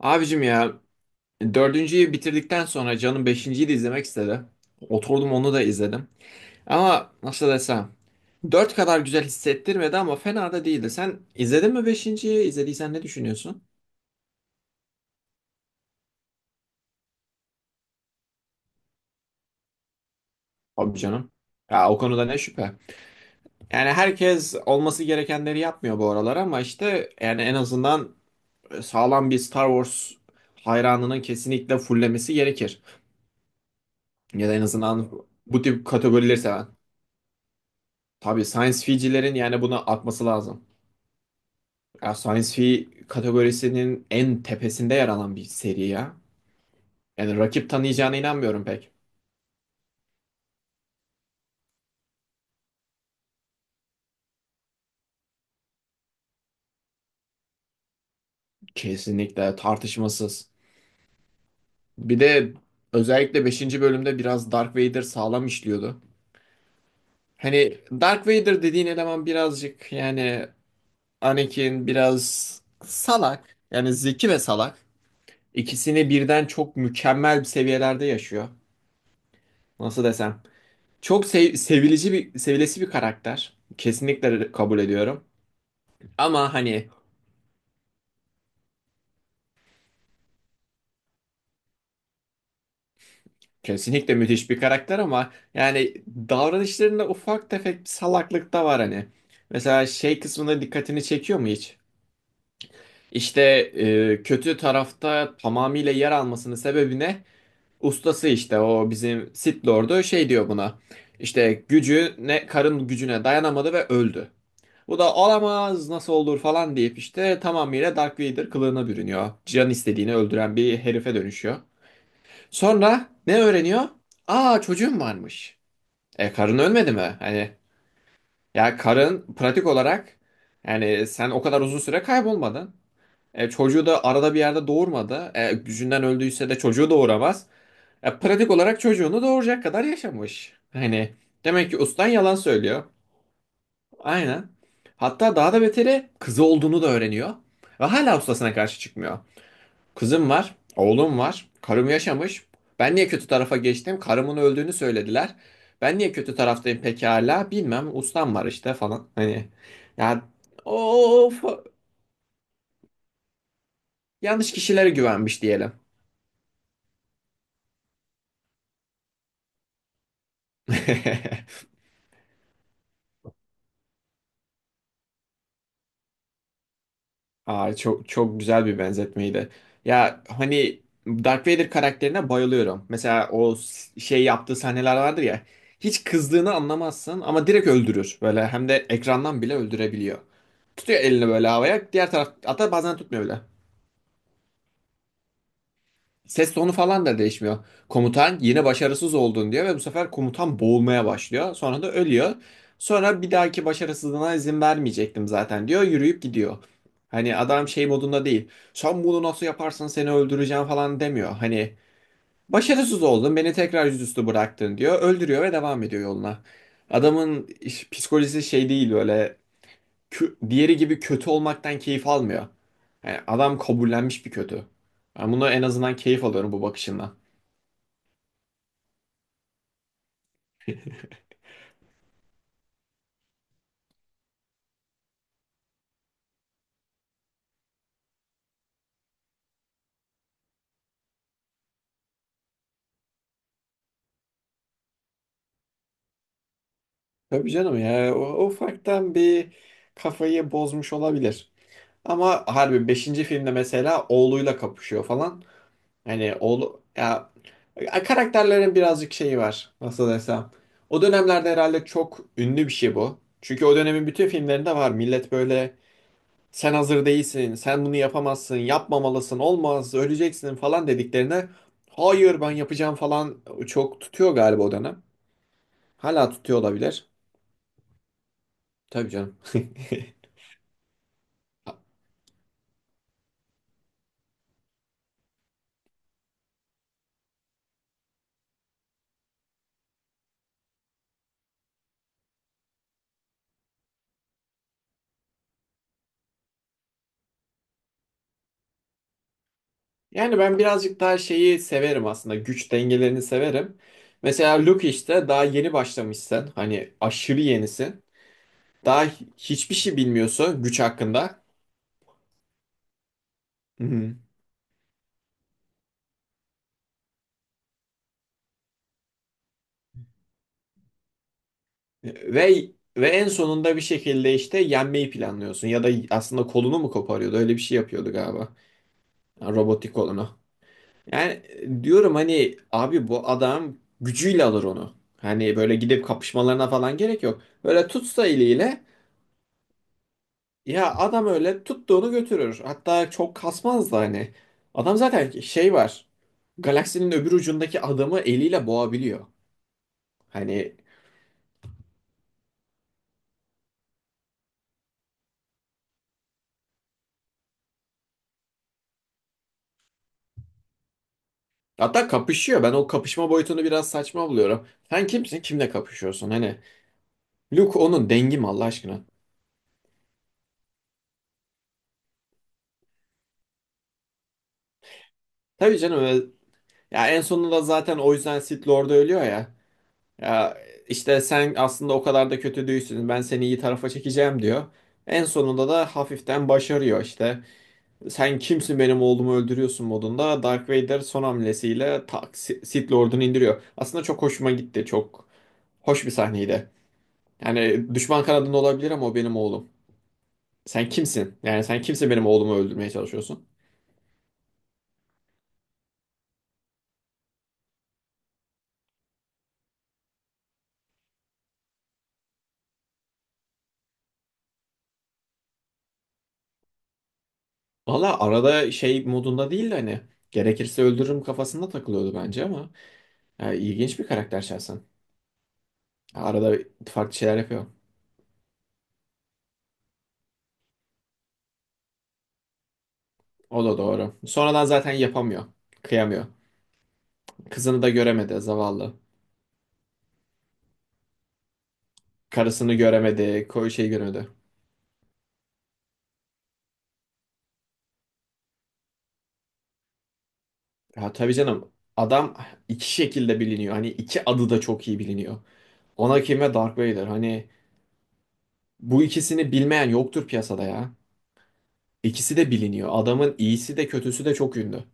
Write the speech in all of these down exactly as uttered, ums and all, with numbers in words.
Abicim ya dördüncüyü bitirdikten sonra canım beşinciyi de izlemek istedi. Oturdum onu da izledim. Ama nasıl desem dört kadar güzel hissettirmedi ama fena da değildi. Sen izledin mi beşinciyi? İzlediysen ne düşünüyorsun? Abi canım. Ya o konuda ne şüphe. Yani herkes olması gerekenleri yapmıyor bu aralar ama işte yani en azından sağlam bir Star Wars hayranının kesinlikle fullemesi gerekir. Ya da en azından bu tip kategorileri seven. Tabii science ficilerin yani buna atması lazım. Ya Science Fi kategorisinin en tepesinde yer alan bir seri ya. Yani rakip tanıyacağına inanmıyorum pek. Kesinlikle tartışmasız. Bir de özellikle beşinci bölümde biraz Dark Vader sağlam işliyordu. Hani Dark Vader dediğin eleman birazcık yani Anakin biraz salak. Yani zeki ve salak. İkisini birden çok mükemmel bir seviyelerde yaşıyor. Nasıl desem? Çok sev- sevilici bir, sevilesi bir karakter. Kesinlikle kabul ediyorum. Ama hani kesinlikle müthiş bir karakter ama yani davranışlarında ufak tefek bir salaklık da var hani. Mesela şey kısmına dikkatini çekiyor mu hiç? İşte e, kötü tarafta tamamıyla yer almasının sebebi ne? Ustası işte o bizim Sith Lord'u şey diyor buna. İşte gücüne, karın gücüne dayanamadı ve öldü. Bu da olamaz nasıl olur falan deyip işte tamamıyla Dark Vader kılığına bürünüyor. Can istediğini öldüren bir herife dönüşüyor. Sonra ne öğreniyor? Aa çocuğum varmış. E karın ölmedi mi? Hani ya karın pratik olarak yani sen o kadar uzun süre kaybolmadın. E, çocuğu da arada bir yerde doğurmadı. E, gücünden öldüyse de çocuğu doğuramaz. E, pratik olarak çocuğunu doğuracak kadar yaşamış. Hani demek ki ustan yalan söylüyor. Aynen. Hatta daha da beteri kızı olduğunu da öğreniyor. Ve hala ustasına karşı çıkmıyor. Kızım var, oğlum var, karım yaşamış. Ben niye kötü tarafa geçtim? Karımın öldüğünü söylediler. Ben niye kötü taraftayım pekala? Bilmem, ustam var işte falan. Hani ya, of, yanlış kişilere güvenmiş diyelim. Aa, çok çok güzel bir benzetmeydi. Ya hani Darth Vader karakterine bayılıyorum. Mesela o s- şey yaptığı sahneler vardır ya. Hiç kızdığını anlamazsın ama direkt öldürür. Böyle hem de ekrandan bile öldürebiliyor. Tutuyor elini böyle havaya. Diğer taraf hatta bazen tutmuyor bile. Ses tonu falan da değişmiyor. Komutan yine başarısız oldun diyor ve bu sefer komutan boğulmaya başlıyor. Sonra da ölüyor. Sonra bir dahaki başarısızlığına izin vermeyecektim zaten diyor. Yürüyüp gidiyor. Hani adam şey modunda değil. Sen bunu nasıl yaparsın seni öldüreceğim falan demiyor. Hani başarısız oldun beni tekrar yüzüstü bıraktın diyor. Öldürüyor ve devam ediyor yoluna. Adamın iş- psikolojisi şey değil böyle kö- diğeri gibi kötü olmaktan keyif almıyor. Yani adam kabullenmiş bir kötü. Ben bunu en azından keyif alıyorum bu bakışından. Tabii canım ya o, ufaktan bir kafayı bozmuş olabilir. Ama harbi beşinci filmde mesela oğluyla kapışıyor falan. Hani oğlu ya ya karakterlerin birazcık şeyi var nasıl desem. O dönemlerde herhalde çok ünlü bir şey bu. Çünkü o dönemin bütün filmlerinde var. Millet böyle sen hazır değilsin, sen bunu yapamazsın, yapmamalısın, olmaz, öleceksin falan dediklerine hayır ben yapacağım falan e, çok tutuyor galiba o dönem. Hala tutuyor olabilir. Tabii canım. Yani ben birazcık daha şeyi severim aslında. Güç dengelerini severim. Mesela Luke işte daha yeni başlamışsın. Hani aşırı yenisin. Daha hiçbir şey bilmiyorsun güç hakkında. Hı hı. Ve ve en sonunda bir şekilde işte yenmeyi planlıyorsun. Ya da aslında kolunu mu koparıyordu? Öyle bir şey yapıyordu galiba. Robotik olanı. Yani e, diyorum hani abi bu adam gücüyle alır onu. Hani böyle gidip kapışmalarına falan gerek yok. Böyle tutsa eliyle ya adam öyle tuttuğunu götürür. Hatta çok kasmaz da hani. Adam zaten şey var. Galaksinin öbür ucundaki adamı eliyle boğabiliyor. Hani hatta kapışıyor. Ben o kapışma boyutunu biraz saçma buluyorum. Sen kimsin? Kimle kapışıyorsun? Hani Luke onun dengi mi Allah aşkına? Tabii canım öyle- ya en sonunda zaten o yüzden Sith Lord'u ölüyor ya. Ya işte sen aslında o kadar da kötü değilsin. Ben seni iyi tarafa çekeceğim diyor. En sonunda da hafiften başarıyor işte. Sen kimsin benim oğlumu öldürüyorsun modunda Dark Vader son hamlesiyle tak Si- Sith Lord'unu indiriyor. Aslında çok hoşuma gitti. Çok hoş bir sahneydi. Yani düşman kanadında olabilir ama o benim oğlum. Sen kimsin? Yani sen kimsin benim oğlumu öldürmeye çalışıyorsun? Valla arada şey modunda değil de hani gerekirse öldürürüm kafasında takılıyordu bence ama yani ilginç bir karakter şahsen. Arada farklı şeyler yapıyor. O da doğru. Sonradan zaten yapamıyor. Kıyamıyor. Kızını da göremedi zavallı. Karısını göremedi. Koyu şey göremedi. Ya tabii canım. Adam iki şekilde biliniyor. Hani iki adı da çok iyi biliniyor. Anakin ve Dark Vader. Hani bu ikisini bilmeyen yoktur piyasada ya. İkisi de biliniyor. Adamın iyisi de kötüsü de çok ünlü.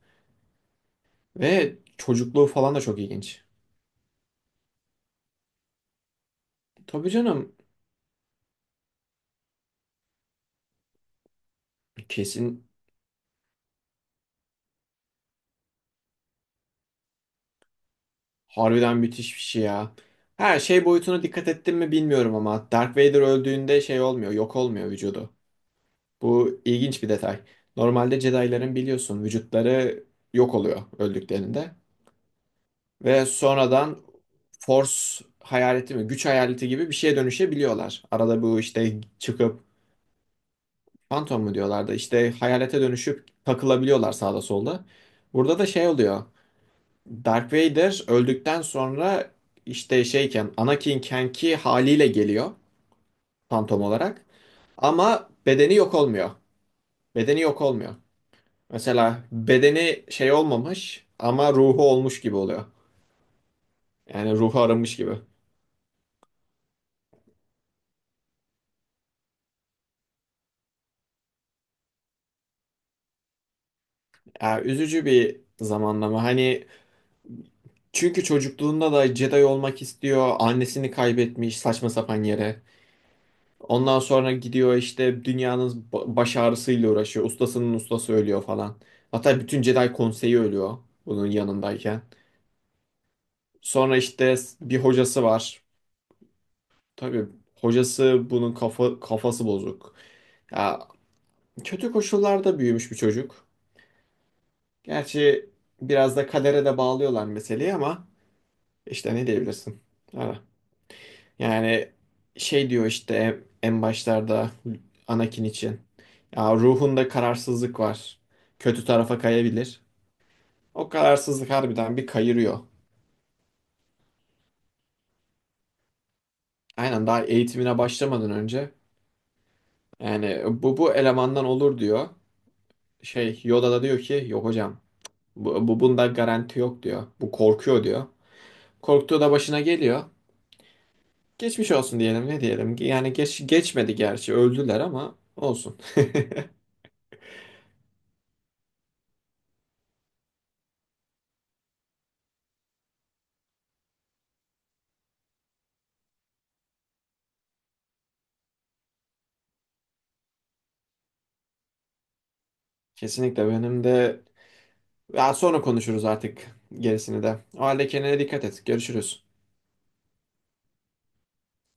Ve çocukluğu falan da çok ilginç. Tabii canım. Kesin harbiden müthiş bir şey ya. Her şey boyutuna dikkat ettin mi bilmiyorum ama Darth Vader öldüğünde şey olmuyor, yok olmuyor vücudu. Bu ilginç bir detay. Normalde Jedi'ların biliyorsun vücutları yok oluyor öldüklerinde ve sonradan Force hayaleti mi, güç hayaleti gibi bir şeye dönüşebiliyorlar. Arada bu işte çıkıp Phantom mu diyorlardı işte hayalete dönüşüp takılabiliyorlar sağda solda. Burada da şey oluyor. Darth Vader öldükten sonra işte şeyken Anakin'kenki haliyle geliyor Phantom olarak. Ama bedeni yok olmuyor. Bedeni yok olmuyor. Mesela bedeni şey olmamış ama ruhu olmuş gibi oluyor. Yani ruhu aramış gibi. Ya üzücü bir zamanlama. Hani çünkü çocukluğunda da Jedi olmak istiyor. Annesini kaybetmiş saçma sapan yere. Ondan sonra gidiyor işte dünyanın ba- baş ağrısıyla uğraşıyor. Ustasının ustası ölüyor falan. Hatta bütün Jedi konseyi ölüyor bunun yanındayken. Sonra işte bir hocası var. Tabii hocası bunun kafa kafası bozuk. Ya kötü koşullarda büyümüş bir çocuk. Gerçi biraz da kadere de bağlıyorlar meseleyi ama işte ne diyebilirsin? Ha. Yani şey diyor işte en başlarda Anakin için. Ya ruhunda kararsızlık var. Kötü tarafa kayabilir. O kararsızlık harbiden bir kayırıyor. Aynen daha eğitimine başlamadan önce. Yani bu bu elemandan olur diyor. Şey Yoda da diyor ki yok hocam bu, bu bunda garanti yok diyor. Bu korkuyor diyor. Korktuğu da başına geliyor. Geçmiş olsun diyelim ne diyelim. Yani geç, geçmedi gerçi öldüler ama olsun. Kesinlikle benim de ya sonra konuşuruz artık gerisini de. O halde kendine dikkat et. Görüşürüz.